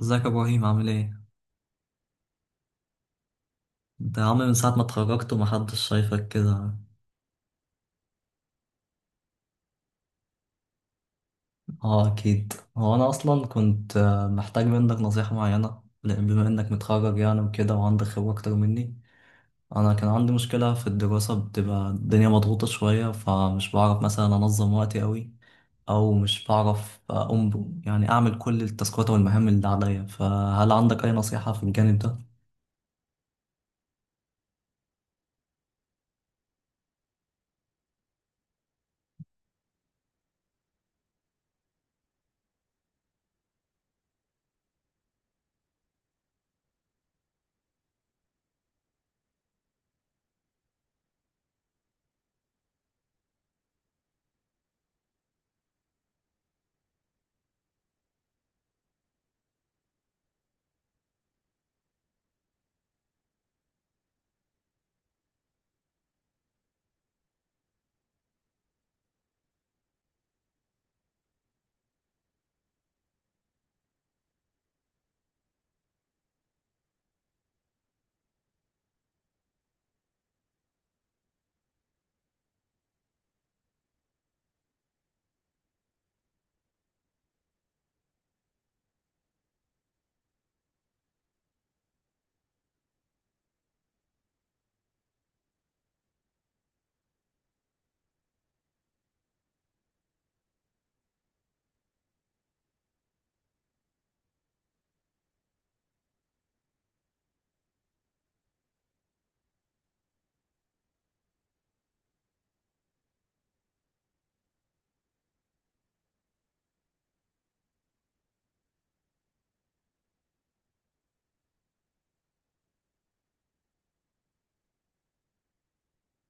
ازيك يا ابراهيم؟ عامل ايه؟ انت يا عم من ساعه ما اتخرجت ومحدش شايفك كده. اه، اكيد. هو انا اصلا كنت محتاج منك نصيحه معينه، لان بما انك متخرج يعني وكده وعندك خبره اكتر مني. انا كان عندي مشكله في الدراسه، بتبقى الدنيا مضغوطه شويه، فمش بعرف مثلا انظم وقتي قوي، او مش بعرف اقوم يعني اعمل كل التاسكات والمهام اللي عليا. فهل عندك اي نصيحه في الجانب ده؟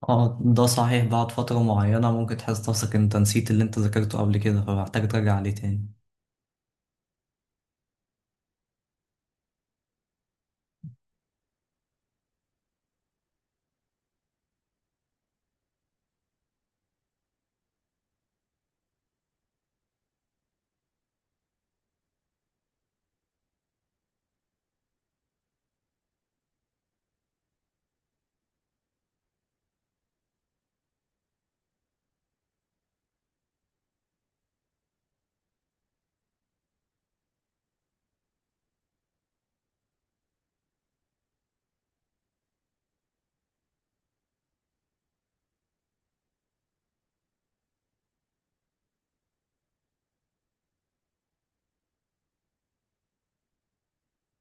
اه ده صحيح، بعد فترة معينة ممكن تحس نفسك انت نسيت اللي انت ذاكرته قبل كده، فمحتاج ترجع عليه تاني.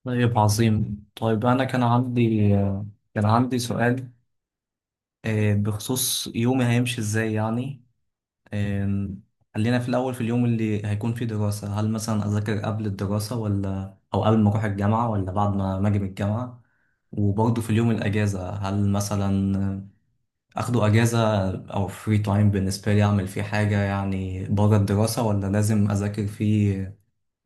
طيب عظيم. طيب انا كان عندي كان عندي سؤال بخصوص يومي هيمشي ازاي يعني. آم، خلينا في الاول في اليوم اللي هيكون فيه دراسة، هل مثلا اذاكر قبل الدراسة ولا او قبل ما اروح الجامعة ولا بعد ما اجي من الجامعة؟ وبرضه في اليوم الاجازة، هل مثلا اخده اجازة او فري تايم بالنسبة لي اعمل فيه حاجة يعني بره الدراسة، ولا لازم اذاكر فيه؟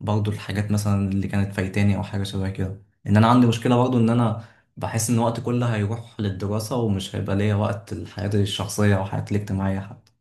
برضو الحاجات مثلا اللي كانت فايتاني او حاجة شبه كده. ان انا عندي مشكلة برضو ان انا بحس ان وقتي كله هيروح للدراسة، ومش هيبقى ليا وقت لحياتي الشخصية او حياتي الاجتماعية حتى.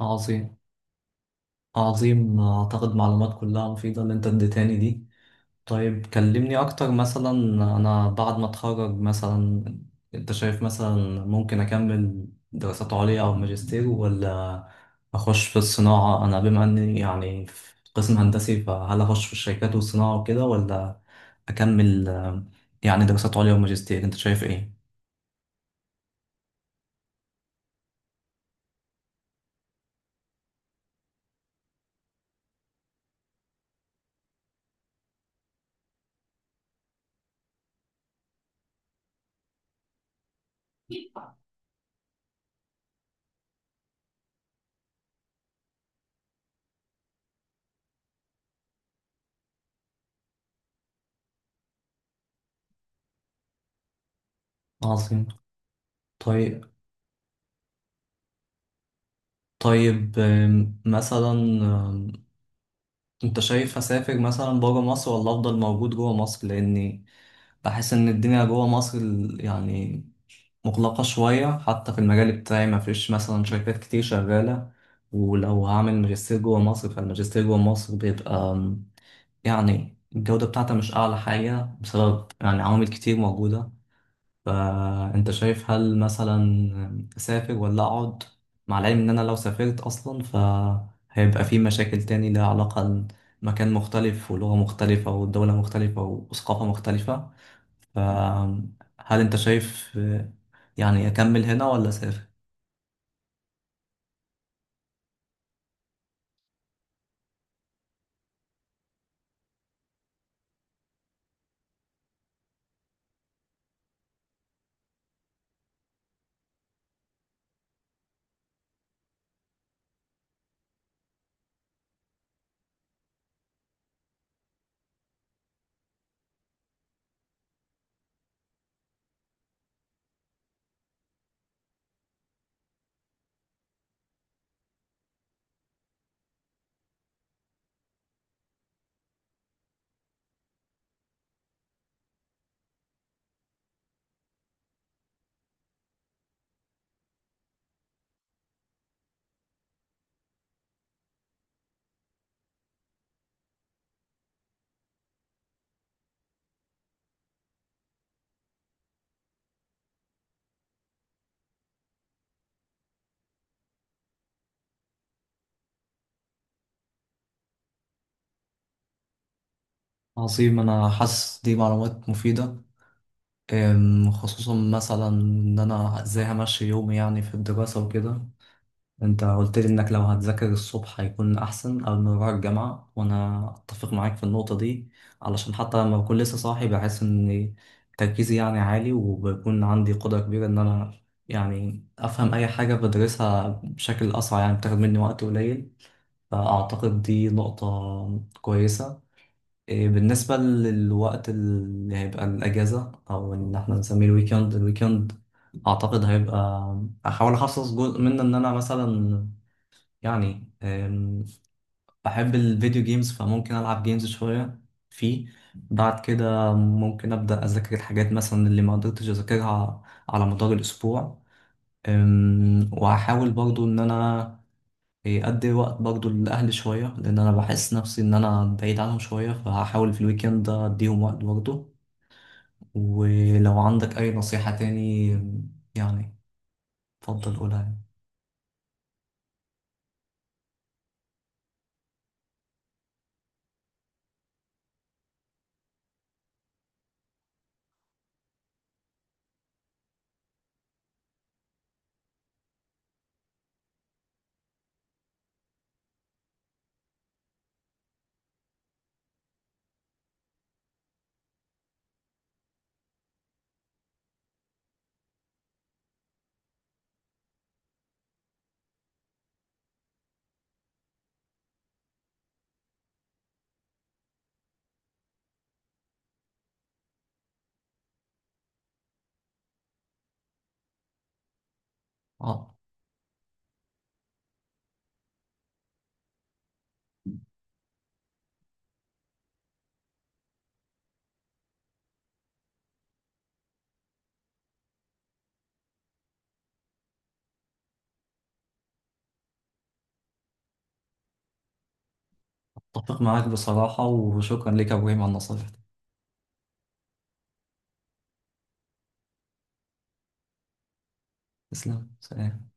عظيم، عظيم. اعتقد معلومات كلها مفيدة اللي انت اديتاني دي. طيب كلمني اكتر مثلا، انا بعد ما اتخرج مثلا انت شايف مثلا ممكن اكمل دراسات عليا او ماجستير، ولا اخش في الصناعة؟ انا بما اني يعني في قسم هندسي، فهل اخش في الشركات والصناعة وكده، ولا اكمل يعني دراسات عليا وماجستير؟ انت شايف ايه؟ عظيم. طيب، طيب مثلا انت شايف اسافر مثلا بره مصر، ولا افضل موجود جوه مصر؟ لاني بحس إن الدنيا جوه مصر يعني مغلقة شوية، حتى في المجال بتاعي ما فيش مثلا شركات كتير شغالة. ولو هعمل ماجستير جوه مصر، فالماجستير جوه مصر بيبقى يعني الجودة بتاعتها مش أعلى حاجة بسبب يعني عوامل كتير موجودة. فأنت شايف هل مثلا أسافر ولا أقعد؟ مع العلم إن أنا لو سافرت أصلا فهيبقى في مشاكل تاني لها علاقة، مكان مختلف ولغة مختلفة ودولة مختلفة وثقافة مختلفة. فهل انت شايف يعني اكمل هنا ولا اسافر؟ عظيم، انا حاسس دي معلومات مفيدة. خصوصا مثلا ان انا ازاي همشي يومي يعني في الدراسة وكده. انت قلت لي انك لو هتذاكر الصبح هيكون احسن قبل ما اروح الجامعه، وانا اتفق معاك في النقطه دي، علشان حتى لما بكون لسه صاحي بحس ان تركيزي يعني عالي، وبيكون عندي قدره كبيره ان انا يعني افهم اي حاجه بدرسها بشكل اسرع، يعني بتاخد مني وقت قليل. فأعتقد دي نقطة كويسة. بالنسبة للوقت اللي هيبقى الأجازة أو إن إحنا نسميه الويكند، أعتقد هيبقى أحاول أخصص جزء منه إن أنا مثلا يعني بحب الفيديو جيمز، فممكن ألعب جيمز شوية فيه. بعد كده ممكن أبدأ أذاكر الحاجات مثلا اللي ما قدرتش أذاكرها على مدار الأسبوع. وهحاول برضو إن أنا أدي وقت برضو لأهلي شوية، لأن أنا بحس نفسي إن أنا بعيد عنهم شوية، فهحاول في الويكند أديهم وقت برضو. ولو عندك أي نصيحة تاني يعني، اتفضل قولها يعني. أه. أتفق معاك بصراحة، وشكرا لك يا إبراهيم على النصائح دي. تسلم، سلام.